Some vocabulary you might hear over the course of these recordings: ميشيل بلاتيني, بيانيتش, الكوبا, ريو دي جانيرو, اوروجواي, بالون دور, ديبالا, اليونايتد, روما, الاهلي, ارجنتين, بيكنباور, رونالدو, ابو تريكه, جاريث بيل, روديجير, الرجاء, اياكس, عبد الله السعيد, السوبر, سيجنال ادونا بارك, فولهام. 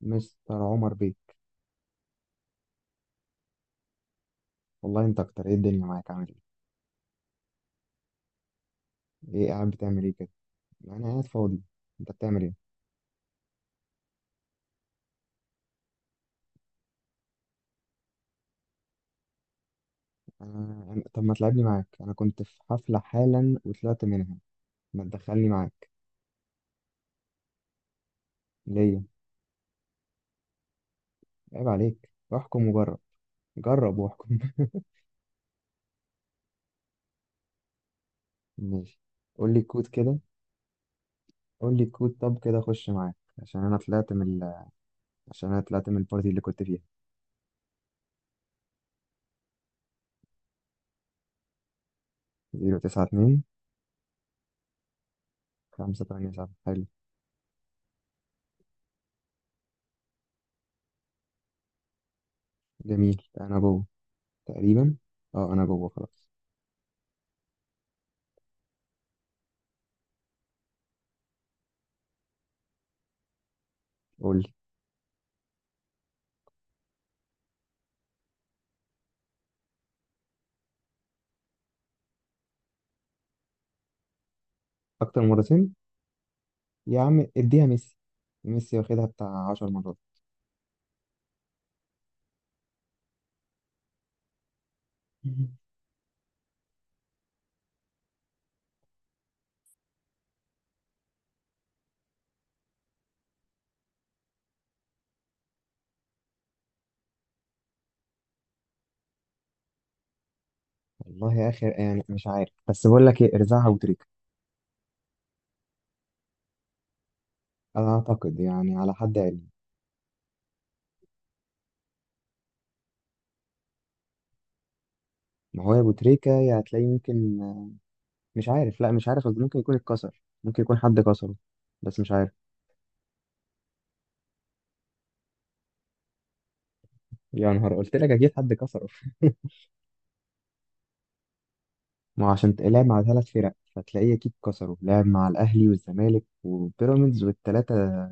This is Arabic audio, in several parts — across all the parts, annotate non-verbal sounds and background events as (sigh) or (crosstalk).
مستر عمر بيه. والله انت اكتر. ايه الدنيا معاك، عامل ايه؟ ايه، قاعد بتعمل ايه كده؟ انا قاعد فاضي. انت بتعمل ايه؟ طب ما تلعبني معاك، انا كنت في حفلة حالا وطلعت منها. ما تدخلني معاك ليه؟ عيب عليك. احكم وجرب، جرب واحكم. (laughs) ماشي. قول لي الكود كده. قول لي الكود، طب كده اخش معاك، عشان انا عشان انا طلعت من البارتي اللي كنت فيها. 092. 587. حلو. جميل، انا جوه تقريبا. اه، انا جوه خلاص. قول لي. اكتر مرتين. يا عم، اديها ميسي. ميسي واخدها بتاع 10 مرات. والله يا اخي يعني مش عارف، بس بقول لك ايه، ارزعها ابو تريكه. انا اعتقد يعني على حد علمي. ما هو يا ابو تريكه، يا هتلاقي ممكن، مش عارف. لا مش عارف، قصدي ممكن يكون اتكسر، ممكن يكون حد كسره، بس مش عارف. يا نهار، قلت لك اكيد حد كسره. (laughs) ما هو عشان تلعب مع ثلاث فرق فتلاقيه اكيد كسره. لعب مع الاهلي والزمالك وبيراميدز والثلاثه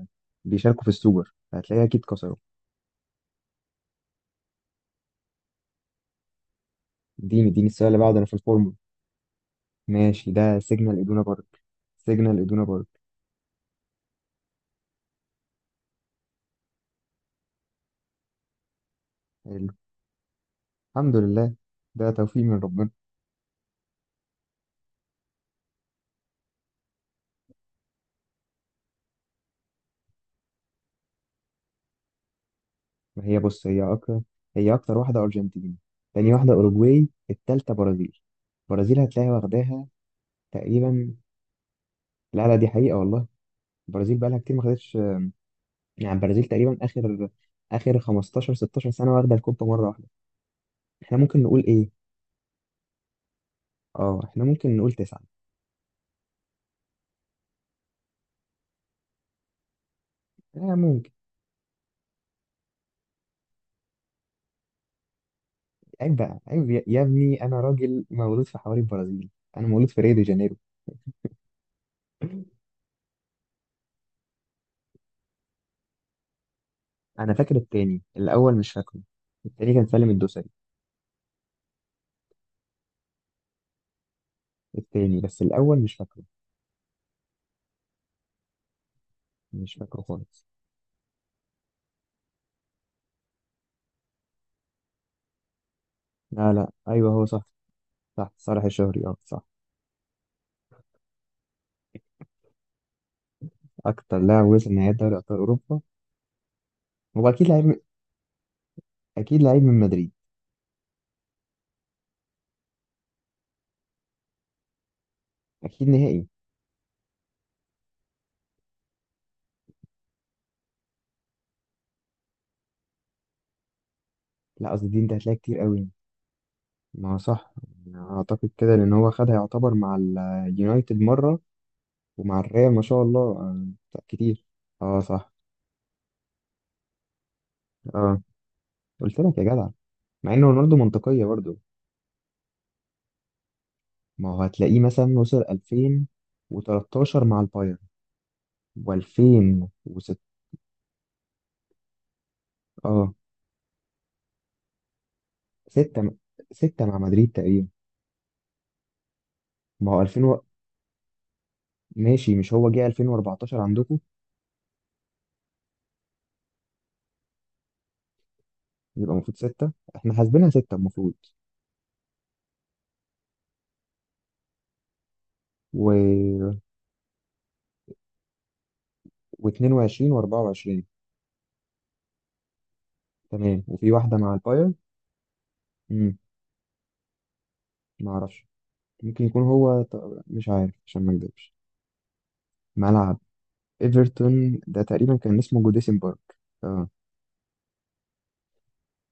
بيشاركوا في السوبر، فهتلاقيه اكيد كسره. اديني اديني السؤال اللي بعده، انا في الفورمه. ماشي، ده سيجنال ادونا بارك. سيجنال ادونا بارك. حلو. الحمد لله، ده توفيق من ربنا. ما هي بص، هي اكتر. هي اكتر واحده ارجنتين، تاني واحده اوروجواي، التالتة برازيل. برازيل هتلاقيها واخداها تقريبا. لا لا، دي حقيقه والله. البرازيل بقى لها كتير ما خدتش. يعني البرازيل تقريبا اخر اخر 15 16 سنه واخده الكوبا مره واحده. احنا ممكن نقول ايه؟ اه، احنا ممكن نقول تسعه. لا، ممكن. عيب بقى، عيب يا ابني، انا راجل مولود في حواري البرازيل، انا مولود في ريو دي جانيرو. انا فاكر التاني، الاول مش فاكره. التاني كان سالم الدوسري. التاني بس الاول مش فاكره. مش فاكره خالص. لا لا، ايوه هو صح. صح، صالح الشهري، اه صح. اكتر لاعب وصل نهائي دوري ابطال اوروبا. هو اكيد اكيد لعيب من مدريد. اكيد نهائي. لا، قصدي دي انت هتلاقي كتير قوي. ما هو صح. أنا اعتقد كده، لان هو خدها يعتبر مع اليونايتد مره، ومع الريال ما شاء الله، آه، كتير. اه صح. اه، قلت لك يا جدع. مع ان رونالدو منطقيه برضه. ما هو هتلاقيه مثلا وصل 2013 مع البايرن و2006. اه، 6، 6 مع مدريد تقريبا. ما هو 2000 و... ماشي، مش هو جه 2014 عندكم؟ يبقى المفروض 6، احنا حاسبينها 6 المفروض. و... و22 و24. تمام، وفي واحدة مع البايرن. امم ما اعرفش. ممكن يكون هو مش عارف عشان ما اكذبش. ملعب ايفرتون ده تقريبا كان اسمه جوديسن بارك. اه.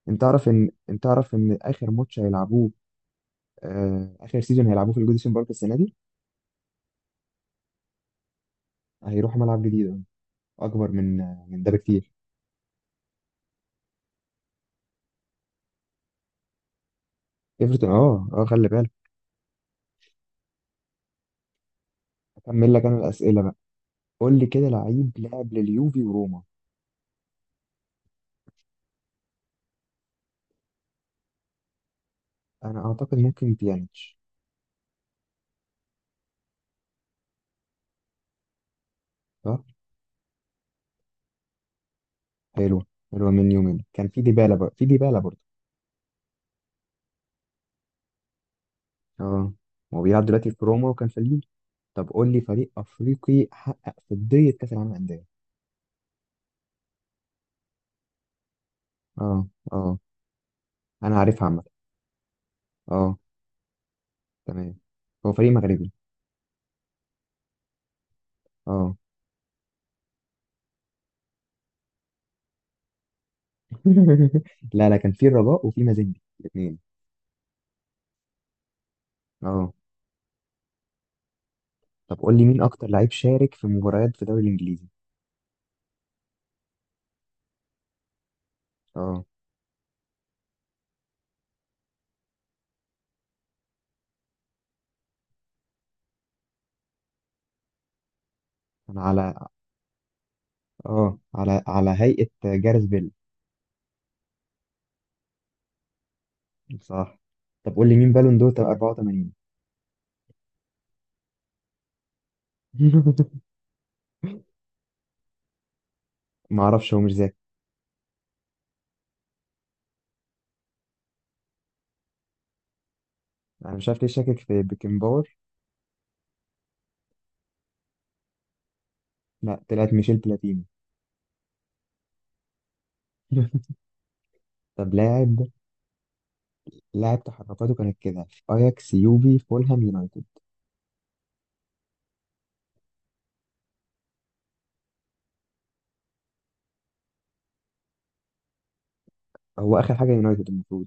انت تعرف ان اخر ماتش هيلعبوه، آه، اخر سيزون هيلعبوه في الجوديسون بارك السنه دي. هيروحوا ملعب جديد اكبر من ده بكتير. ايفرتون، اه اه، خلي بالك. اكمل لك انا الاسئله بقى. قول لي كده، لعيب لعب لليوفي وروما. انا اعتقد ممكن بيانيتش. صح. حلوه. حلوه، من يومين كان في ديبالا، بقى في ديبالا برضه. اه. هو بيلعب دلوقتي في روما وكان في اليوفي. طب قول لي فريق افريقي حقق فضيه كاس العالم للانديه. اه. اه. انا عارفها عامه. اه. تمام. هو فريق مغربي. اه. (laughs) لا لا، كان في الرجاء وفي مازيمبي الاثنين. اه. طب قول لي مين اكتر لعيب شارك في مباريات في الدوري الانجليزي. اه. انا على اه على على هيئة جاريث بيل. صح. طب قول لي مين بالون دور 84. (laughs) ما اعرفش، هو مش ذاكر. انا مش عارف ليه، شاكك في بيكنباور. لا، طلعت ميشيل بلاتيني. (laughs) طب لاعب، لاعب تحركاته كانت كده في اياكس، يوفي، فولهام، يونايتد. هو اخر حاجه يونايتد المفروض.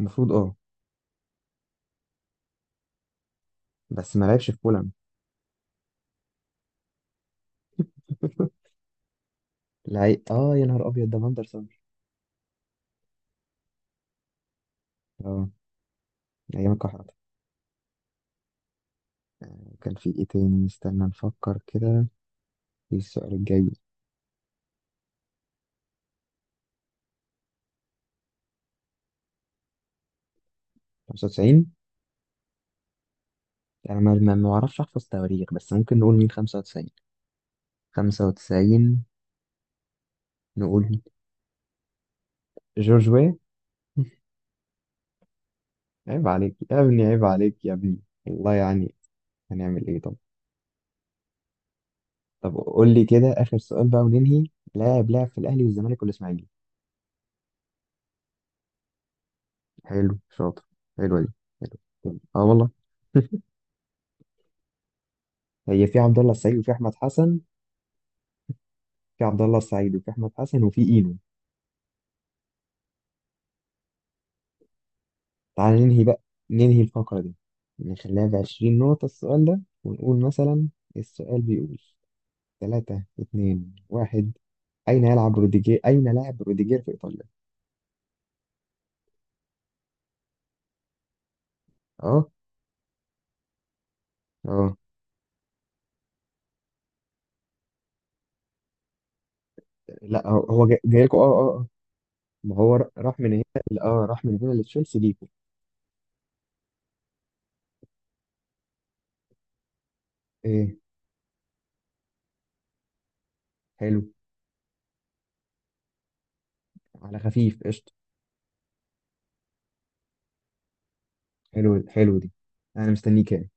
المفروض اه. بس ما لعبش في فولهام. (laughs) لعيب، اه يا نهار ابيض، ده فاندرسون. اه. ايام الكحرة. كان في ايه تاني؟ استنى نفكر كده في السؤال الجاي. 95. انا ما اعرفش احفظ تواريخ، بس ممكن نقول مين. 95. 95. نقول جورج وي. عيب عليك يا ابني، عيب عليك يا ابني. والله يعني. هنعمل ايه طب؟ طب قول لي كده اخر سؤال بقى وننهي. لاعب لعب في الاهلي والزمالك والاسماعيلي. حلو، شاطر. حلوه دي. حلو اه، والله. (laughs) هي في عبد الله السعيد وفي احمد حسن. في عبد الله السعيد وفي احمد حسن وفي اينو. تعالى ننهي بقى، ننهي الفقرة دي. نخليها ب20 نقطة السؤال ده، ونقول مثلا. السؤال بيقول: 3 2 1 أين يلعب روديجير؟ أين لعب روديجير في إيطاليا؟ أه أه. لا، هو جاي جاي لكم. أه أه أه. ما هو راح من هنا، ل- أه راح من هنا لتشيلسي ليكم. إيه؟ حلو، على خفيف قشطة. حلو، حلو دي. أنا مستنيك يعني.